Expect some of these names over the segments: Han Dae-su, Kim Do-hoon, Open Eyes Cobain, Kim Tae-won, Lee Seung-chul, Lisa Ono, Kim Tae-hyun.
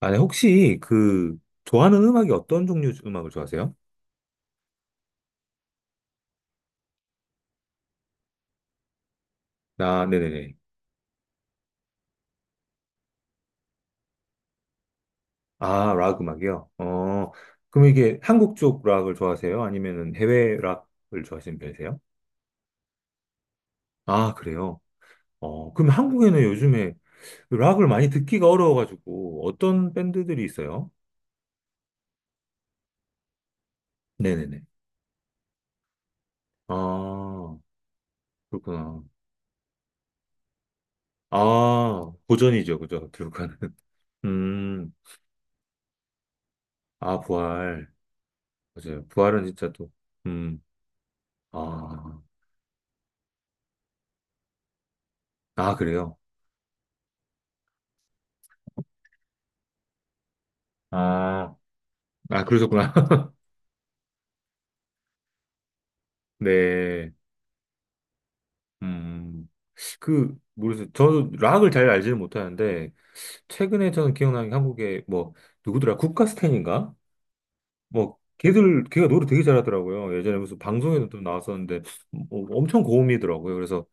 아니, 혹시 그 좋아하는 음악이 어떤 종류 음악을 좋아하세요? 아, 네네네. 아, 락 음악이요? 어, 그럼 이게 한국 쪽 락을 좋아하세요? 아니면 해외 락을 좋아하시는 편이세요? 아, 그래요? 어, 그럼 한국에는 요즘에 락을 많이 듣기가 어려워가지고 어떤 밴드들이 있어요? 네네네. 아, 그렇구나. 아, 고전이죠, 그죠? 들어가는. 음, 아, 부활. 맞아요. 부활은 진짜 또, 음, 아, 아, 그래요? 아, 아, 그러셨구나. 네. 음, 그, 모르겠어요. 저는 락을 잘 알지는 못하는데, 최근에 저는 기억나는 게 한국에 뭐, 누구더라? 국가스텐인가? 뭐, 걔들, 걔가 노래 되게 잘하더라고요. 예전에 무슨 방송에도 좀 나왔었는데, 뭐 엄청 고음이더라고요. 그래서,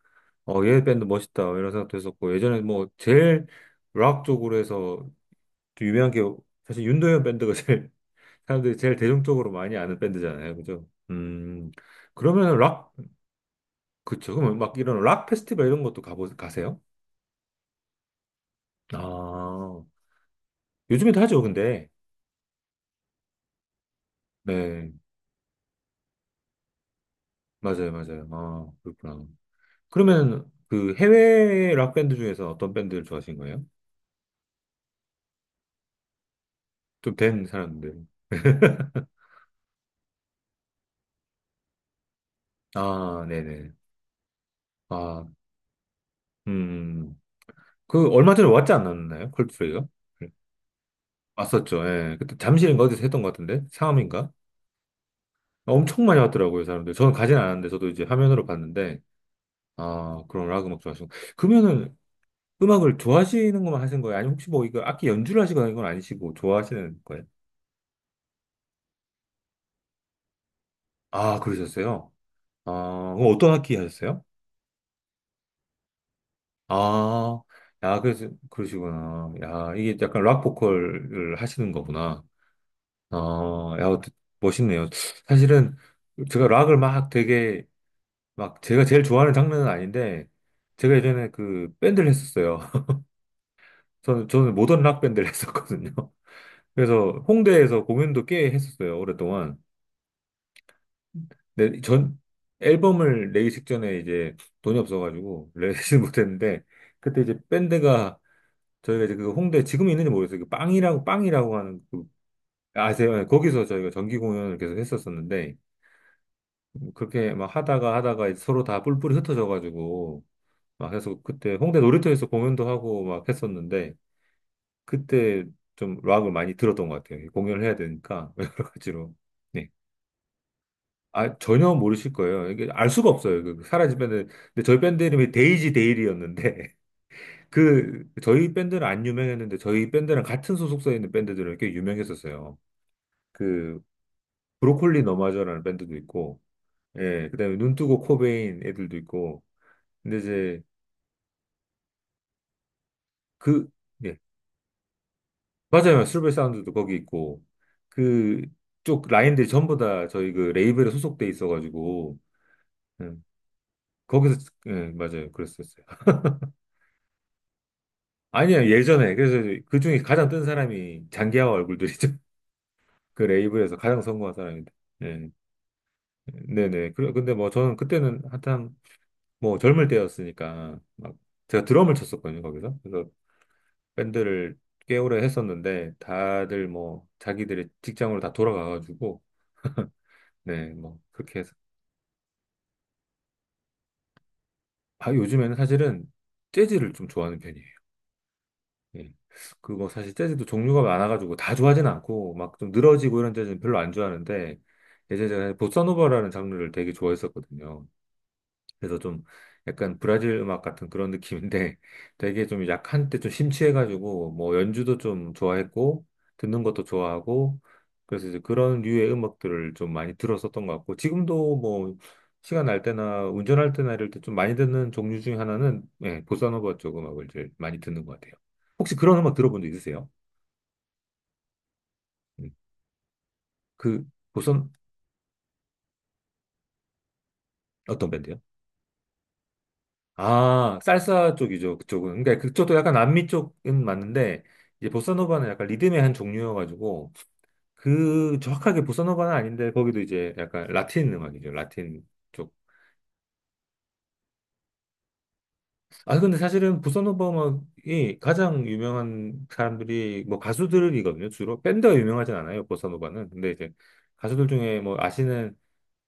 어, 얘 밴드 멋있다. 뭐 이런 생각도 했었고, 예전에 뭐, 제일 락 쪽으로 해서 좀 유명한 게, 사실 윤도현 밴드가 제일, 사람들이 제일 대중적으로 많이 아는 밴드잖아요. 그죠? 그러면 락 그쵸. 그면막 이런 락 페스티벌 이런 것도 가보, 가세요? 아, 요즘에도 하죠, 근데. 네, 맞아요, 맞아요. 아, 그렇구나. 그러면 그 해외 락 밴드 중에서 어떤 밴드를 좋아하신 거예요? 좀 된 사람들. 아, 네네. 아, 음. 그 얼마 전에 왔지 않았나요? 콜드플레이가? 네. 왔었죠. 예. 그때 잠실인가 어디서 했던 것 같은데? 상암인가? 엄청 많이 왔더라고요, 사람들. 저는 가진 않았는데, 저도 이제 화면으로 봤는데, 아, 그런 락 음악 좋아하시고. 그러면은 음악을 좋아하시는 것만 하신 거예요? 아니면 혹시 뭐 이거 악기 연주를 하시거나 이건 아니시고 좋아하시는 거예요? 아, 그러셨어요? 아, 그럼 어떤 악기 하셨어요? 아, 야, 그래서, 그러시구나. 야, 이게 약간 락 보컬을 하시는 거구나. 아, 야, 어떠- 멋있네요. 사실은 제가 락을 막 되게, 막 제가 제일 좋아하는 장르는 아닌데, 제가 예전에 그 밴드를 했었어요. 저는, 저는 모던 락 밴드를 했었거든요. 그래서 홍대에서 공연도 꽤 했었어요, 오랫동안. 네, 전 앨범을 내기 직전에 이제 돈이 없어가지고 내지 못했는데 그때 이제 밴드가 저희가 이제 그 홍대 지금 있는지 모르겠어요. 그 빵이라고 빵이라고 하는 그 아세요? 네, 거기서 저희가 정기 공연을 계속 했었었는데 뭐 그렇게 하다가 하다가 이제 서로 다 뿔뿔이 흩어져가지고 막 해서 그때 홍대 놀이터에서 공연도 하고 막 했었는데 그때 좀 락을 많이 들었던 것 같아요. 공연을 해야 되니까 여러 가지로. 네. 아, 전혀 모르실 거예요. 이게 알 수가 없어요. 그 사라지면은. 근데 저희 밴드 이름이 데이지 데일이었는데, 그, 저희 밴드는 안 유명했는데, 저희 밴드랑 같은 소속사에 있는 밴드들은 꽤 유명했었어요. 그, 브로콜리 너마저라는 밴드도 있고, 예, 그 다음에 눈뜨고 코베인 애들도 있고, 근데 이제 그, 예, 맞아요. 실버 사운드도 거기 있고, 그, 쪽 라인들이 전부 다 저희 그 레이블에 소속돼 있어가지고, 음, 거기서, 예, 맞아요. 그랬었어요. 아니야, 예전에. 그래서 그 중에 가장 뜬 사람이 장기하와 얼굴들이죠. 그 레이블에서 가장 성공한 사람인데. 네. 네네. 그래, 근데 뭐 저는 그때는 한참 뭐 젊을 때였으니까 막 제가 드럼을 쳤었거든요, 거기서. 그래서 밴드를 꽤 오래 했었는데 다들 뭐 자기들의 직장으로 다 돌아가가지고 네, 뭐 그렇게 해서. 아, 요즘에는 사실은 재즈를 좀 좋아하는 편이에요. 예. 그거 사실 재즈도 종류가 많아가지고 다 좋아하진 않고 막 좀 늘어지고 이런 재즈는 별로 안 좋아하는데 예전에 제가 보사노바라는 장르를 되게 좋아했었거든요. 그래서 좀 약간 브라질 음악 같은 그런 느낌인데 되게 좀 약한 때 좀 심취해가지고 뭐 연주도 좀 좋아했고 듣는 것도 좋아하고 그래서 이제 그런 류의 음악들을 좀 많이 들었었던 것 같고 지금도 뭐 시간 날 때나 운전할 때나 이럴 때 좀 많이 듣는 종류 중에 하나는 예, 보사노바 쪽 음악을 제일 많이 듣는 것 같아요. 혹시 그런 음악 들어본 적 있으세요? 음, 그 보선 어떤 밴드요? 아, 살사 쪽이죠, 그쪽은. 그러니까 그쪽도 약간 남미 쪽은 맞는데, 이제 보사노바는 약간 리듬의 한 종류여가지고, 그 정확하게 보사노바는 아닌데, 거기도 이제 약간 라틴 음악이죠, 라틴 쪽. 아, 근데 사실은 보사노바 음악이 가장 유명한 사람들이 뭐 가수들이거든요, 주로. 밴드가 유명하진 않아요, 보사노바는. 근데 이제 가수들 중에 뭐 아시는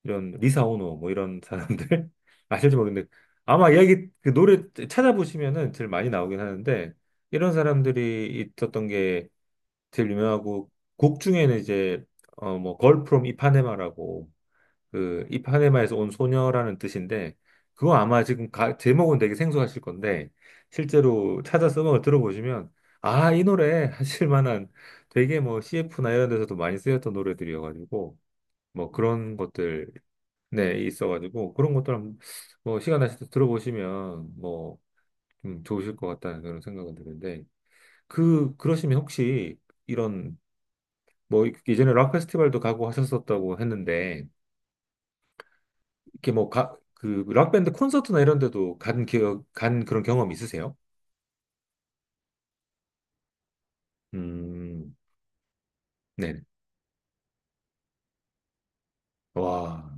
이런 리사 오노 뭐 이런 사람들 아실지 모르겠는데 아마 이야기 그 노래 찾아보시면은 제일 많이 나오긴 하는데 이런 사람들이 있었던 게 제일 유명하고 곡 중에는 이제 어뭐 걸 프롬 이파네마라고 그 이파네마에서 온 소녀라는 뜻인데 그거 아마 지금 가- 제목은 되게 생소하실 건데 실제로 찾아서 음악을 들어보시면 아 이 노래 하실 만한 되게 뭐 CF나 이런 데서도 많이 쓰였던 노래들이어가지고 뭐 그런 것들 네, 있어가지고 그런 것들 한번 뭐 시간 나실 때 들어보시면 뭐 좀 좋으실 것 같다는 그런 생각은 드는데 그 그러시면 혹시 이런 뭐 예전에 락 페스티벌도 가고 하셨었다고 했는데 이렇게 뭐 가 그 락 밴드 콘서트나 이런 데도 간 기억 간 그런 경험 있으세요? 음, 네, 와,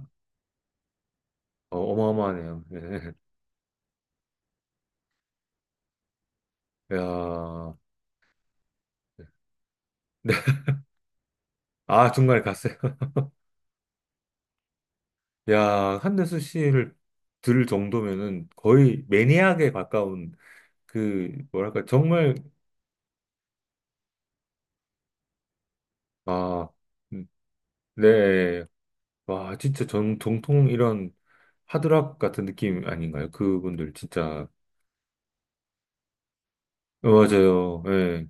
어, 어마어마하네요. 네. 야, 네, 아 중간에 갔어요. 야, 한대수 씨를 들 정도면은 거의 매니악에 가까운 그 뭐랄까 정말 아 음, 네. 와, 진짜 정, 정통 이런 하드락 같은 느낌 아닌가요? 그분들 진짜 어, 맞아요. 예.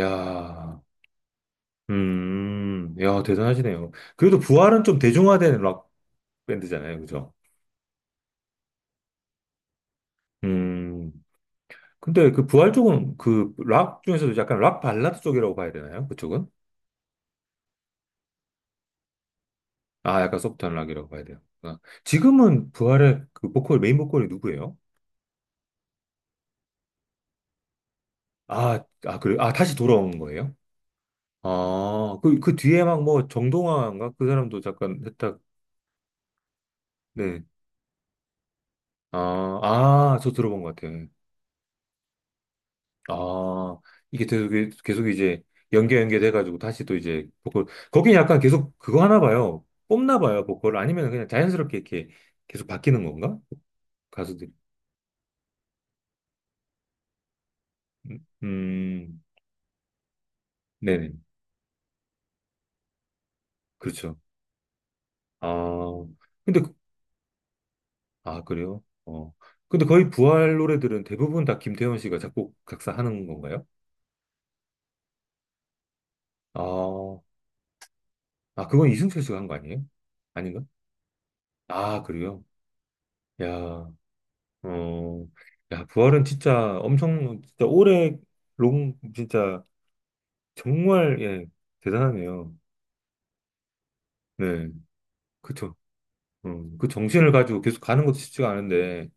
야. 음. 야, 대단하시네요. 그래도 부활은 좀 대중화된 락 밴드잖아요. 그죠? 음. 근데 그 부활 쪽은 그 락 중에서도 약간 락 발라드 쪽이라고 봐야 되나요? 그쪽은? 아, 약간 소프트한 락이라고 봐야 돼요. 아, 지금은 부활의 그 보컬 메인 보컬이 누구예요? 아, 아, 그래. 아, 다시 돌아온 거예요? 아, 그, 그 뒤에 막 뭐 정동화인가? 그 사람도 잠깐 했다. 네. 아, 아, 저 들어본 것 같아요. 아, 이게 계속, 계속 이제 연계 연계돼가지고 다시 또 이제 보컬. 거긴 약간 계속 그거 하나 봐요. 뽑나 봐요, 보컬. 아니면 그냥 자연스럽게 이렇게 계속 바뀌는 건가? 가수들이. 음, 음, 네네. 그렇죠. 아, 근데 아, 그래요? 어. 근데 거의 부활 노래들은 대부분 다 김태현 씨가 작곡, 작사하는 건가요? 아, 아, 그건 이승철 씨가 한 거 아니에요? 아닌가? 아, 그래요? 야, 어, 야, 부활은 진짜 엄청, 진짜 오래, 롱, 진짜 정말, 예, 대단하네요. 네, 그쵸. 그 정신을 가지고 계속 가는 것도 쉽지가 않은데,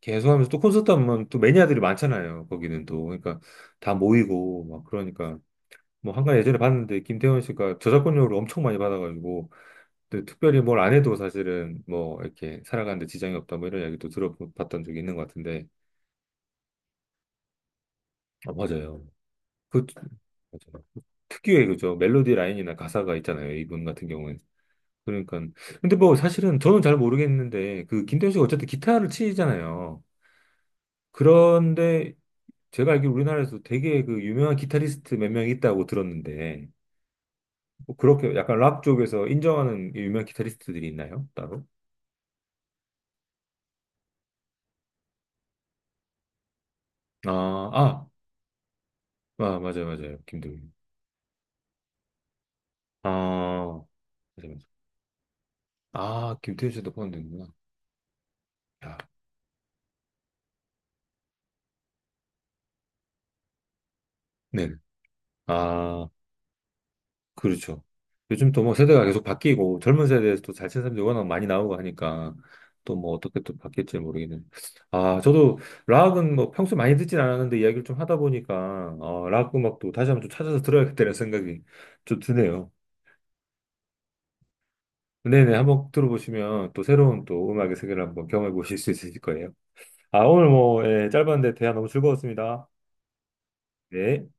계속 하면서 또 콘서트 하면 또 매니아들이 많잖아요. 거기는 또. 그러니까 다 모이고, 막 그러니까. 뭐 한간 예전에 봤는데 김태원 씨가 저작권료를 엄청 많이 받아가지고 근데 특별히 뭘 안 해도 사실은 뭐 이렇게 살아가는데 지장이 없다 뭐 이런 이야기도 들어봤던 적이 있는 것 같은데 아 맞아요 그 맞아요. 특유의 그죠 멜로디 라인이나 가사가 있잖아요 이분 같은 경우는 그러니까 근데 뭐 사실은 저는 잘 모르겠는데 그 김태원 씨가 어쨌든 기타를 치잖아요 그런데 제가 알기로 우리나라에서 되게 그 유명한 기타리스트 몇 명이 있다고 들었는데 뭐 그렇게 약간 락 쪽에서 인정하는 유명 기타리스트들이 있나요? 따로? 아, 아, 아 맞아요, 맞아요. 김도훈. 아, 맞아요, 맞아요. 아, 김태현 씨도 포함되는구나. 야, 네. 아, 그렇죠. 요즘 또 뭐 세대가 계속 바뀌고 젊은 세대에서 또 잘 치는 사람들이 워낙 많이 나오고 하니까 또 뭐 어떻게 또 바뀔지 모르겠는. 아, 저도 락은 뭐 평소에 많이 듣진 않았는데 이야기를 좀 하다 보니까 어, 락 음악도 다시 한번 좀 찾아서 들어야겠다는 생각이 좀 드네요. 네네, 한번 들어보시면 또 새로운 또 음악의 세계를 한번 경험해 보실 수 있으실 거예요. 아, 오늘 뭐, 예, 짧았는데 대화 너무 즐거웠습니다. 네.